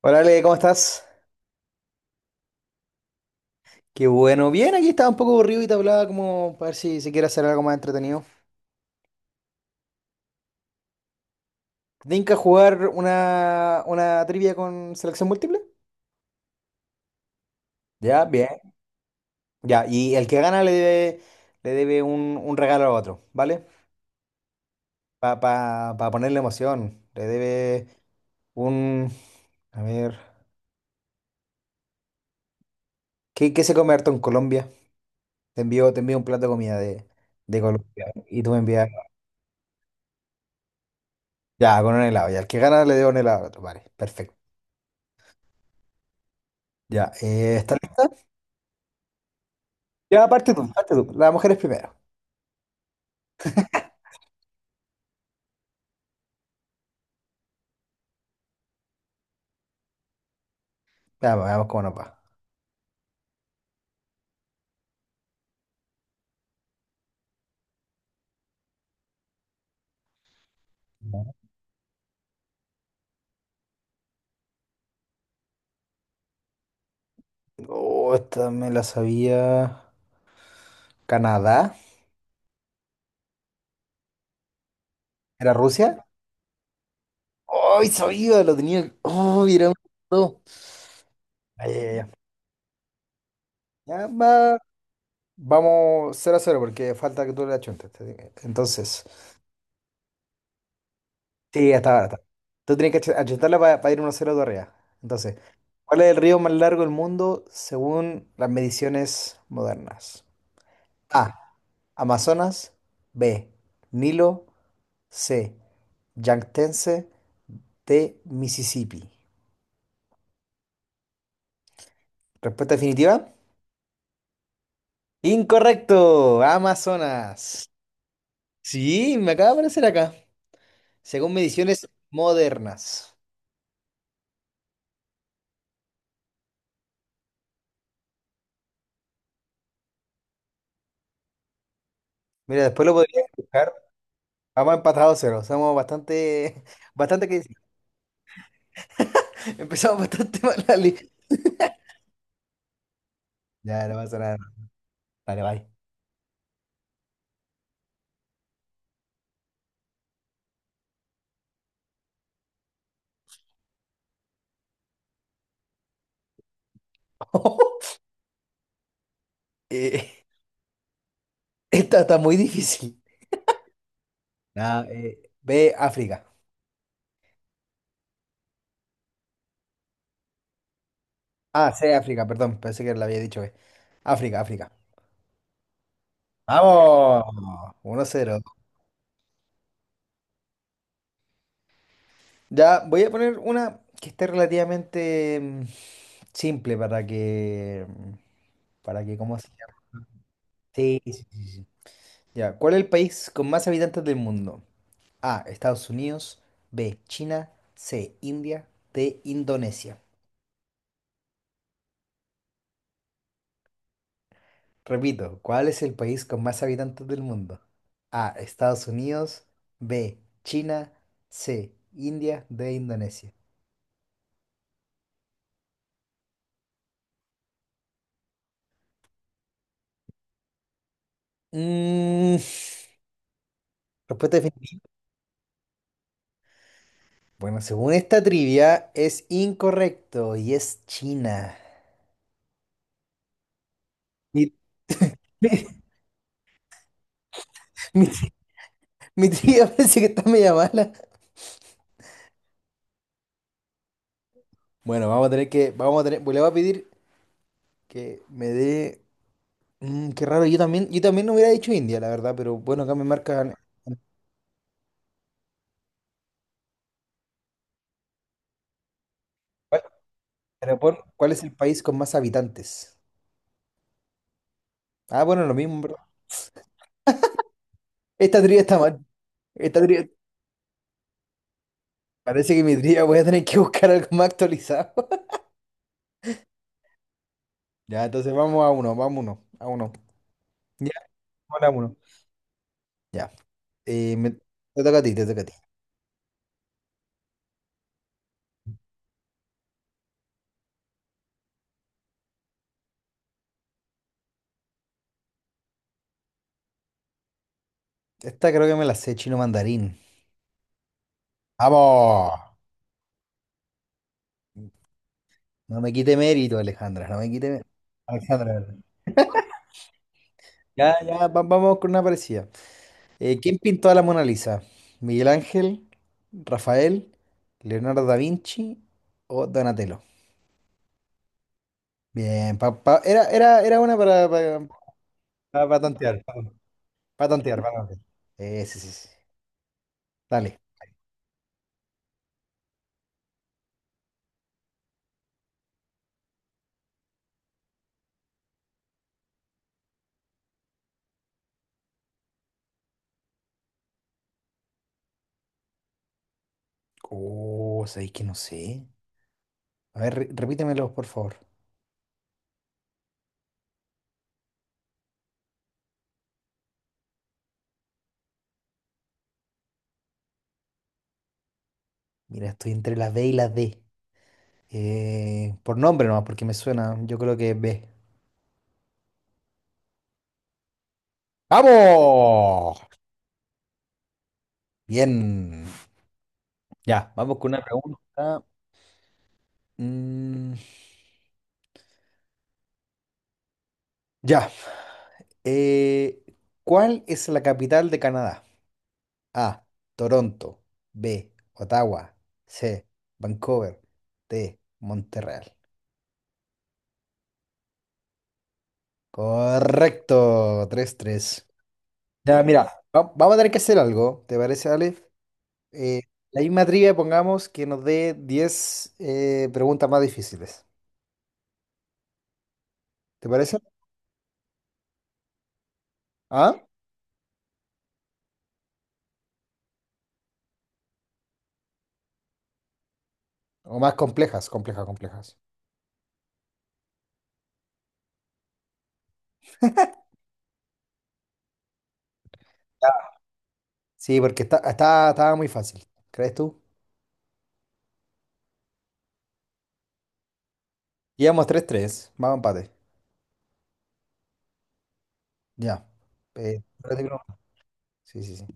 Hola Ale, ¿cómo estás? Qué bueno. Bien, aquí estaba un poco aburrido y te hablaba como para ver si, se quiere hacer algo más entretenido. ¿Te tinca jugar una trivia con selección múltiple? Ya, bien. Ya, y el que gana le debe un regalo a otro, ¿vale? Para pa, pa pa ponerle emoción. Le debe un... A ver... ¿Qué se come harto en Colombia? Te envío un plato de comida de Colombia y tú me envías... Ya, con un helado. Ya, el que gana le debo un helado al otro, vale. Perfecto. Ya, está. Ya, parte tú, parte tú. Las mujeres primero. Veamos, veamos cómo nos va. Oh, esta me la sabía. Canadá. ¿Era Rusia? ¡Ay, sabía! Lo tenía. ¡Oh, era un... no! Ya, ya, ya. Ya, va. Vamos 0-0 porque falta que tú le achuntes. Entonces, sí, hasta ahora está. Tú tienes que achuntarla para ir uno a 0 de arriba. Entonces, ¿cuál es el río más largo del mundo según las mediciones modernas? A. Amazonas. B. Nilo. C. Yangtze de Mississippi. Respuesta definitiva. Incorrecto. Amazonas. Sí, me acaba de aparecer acá. Según mediciones modernas. Mira, después lo podría buscar. Vamos empatados cero. Somos bastante, bastante que empezamos bastante mal la Ya, no pasa nada. Dale, bye. Eh, esta está muy difícil. Nada, B, África. Ah, C, África, perdón. Pensé que la había dicho B. África, África. Vamos, 1 cero. Ya voy a poner una que esté relativamente simple para que, para que, ¿cómo se llama? Sí, sí, sí, sí, sí. Ya, ¿cuál es el país con más habitantes del mundo? A, Estados Unidos, B, China, C, India, D, Indonesia. Repito, ¿cuál es el país con más habitantes del mundo? A, Estados Unidos, B, China, C, India, D, Indonesia. Mm, respuesta. Bueno, según esta trivia, es incorrecto y es China. Mi, mi, mi trivia parece que está media mala. Bueno, vamos a tener, pues le voy a pedir que me dé, qué raro, yo también no hubiera dicho India, la verdad, pero bueno, acá me marcan, ¿cuál, pero pon, ¿cuál es el país con más habitantes? Ah, bueno, lo mismo, bro. Esta trivia está mal, esta trivia, parece que mi trivia voy a tener que buscar algo más actualizado. Ya, entonces vamos a uno, a uno. Ya, vamos a uno. Ya. Eh, me- Te toca a ti, te toca a ti. Esta creo que me la sé chino mandarín. ¡Vamos! No me quite mérito, Alejandra, no me quite mérito. Alejandra, ya, ya, vamos con una parecida. ¿Quién pintó a la Mona Lisa? ¿Miguel Ángel, Rafael, Leonardo da Vinci o Donatello? Bien, era una para tantear, para tantear. Sí, sí, sí. Dale. Oh, sabéis que no sé. A ver, repítemelo, por favor. Mira, estoy entre la B y la D. Por nombre nomás, porque me suena. Yo creo que es B. ¡Vamos! Bien. Ya, vamos con una pregunta. Mm, ya. Eh, ¿Cuál es la capital de Canadá? A. Toronto. B. Ottawa. C. Vancouver. D. Montreal. Correcto. 3-3. Ya, mira, vamos a tener que hacer algo. ¿Te parece, Ale? Eh, la misma trivia, pongamos que nos dé 10 preguntas más difíciles. ¿Te parece? ¿Ah? O más complejas, complejas, complejas. Sí, porque estaba muy fácil, ¿crees tú? Llevamos 3-3, vamos a empate. Ya. Espérate, pero sí, sí, sí.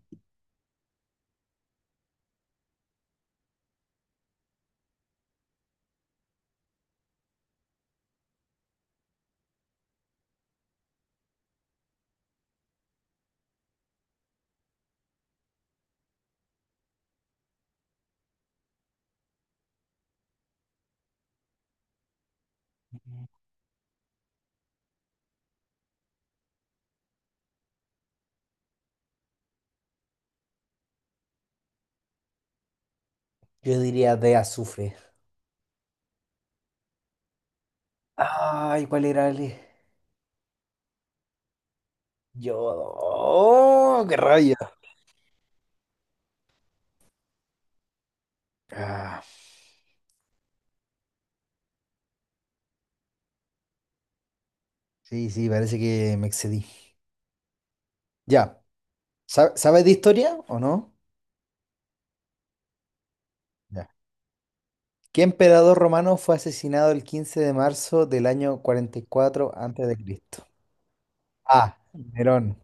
Yo diría de azufre. Ay, ¿cuál era el...? Yodo. ¡Oh, qué rabia! Ah, sí, sí, parece que me excedí. Ya. ¿Sabes de historia o no? ¿Qué emperador romano fue asesinado el 15 de marzo del año 44 a. C.? A. Nerón.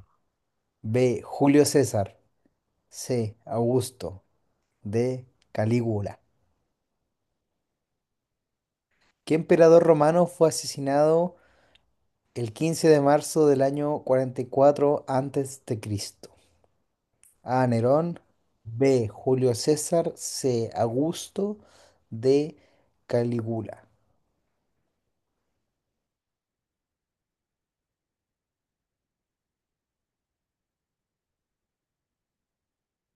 B. Julio César. C. Augusto. D. Calígula. ¿Qué emperador romano fue asesinado el 15 de marzo del año 44 antes de Cristo? A. Nerón. B. Julio César. C. Augusto. D. Calígula.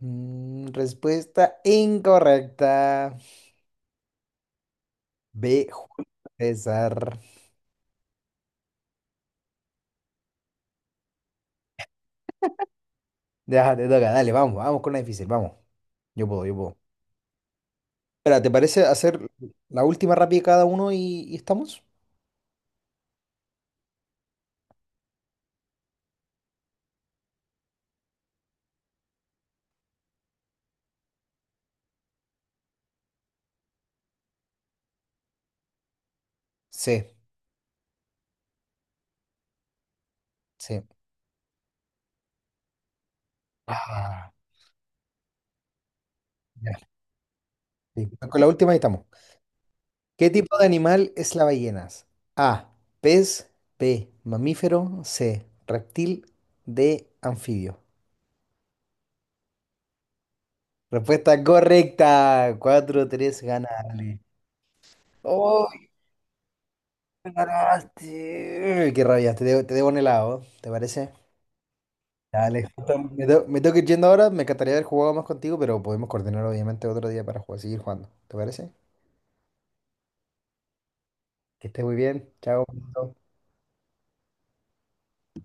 Respuesta incorrecta. B. César. Ya, te toca, dale, vamos, vamos con la difícil, vamos. Yo puedo, yo puedo. Espera, ¿te parece hacer la última rápida cada uno y estamos? Sí, sí. Ah, ya, sí. Con la última y estamos. ¿Qué tipo de animal es la ballena? A, pez, B, mamífero, C, reptil, D, anfibio. Respuesta correcta. 4-3, ganale. ¡Oh, ganaste! ¡Qué rabia! Te debo un helado, ¿te parece? Dale, justo me tengo que ir yendo ahora. Me encantaría haber jugado más contigo, pero podemos coordinar obviamente otro día para jugar, seguir jugando. ¿Te parece? Que estés muy bien. Chao.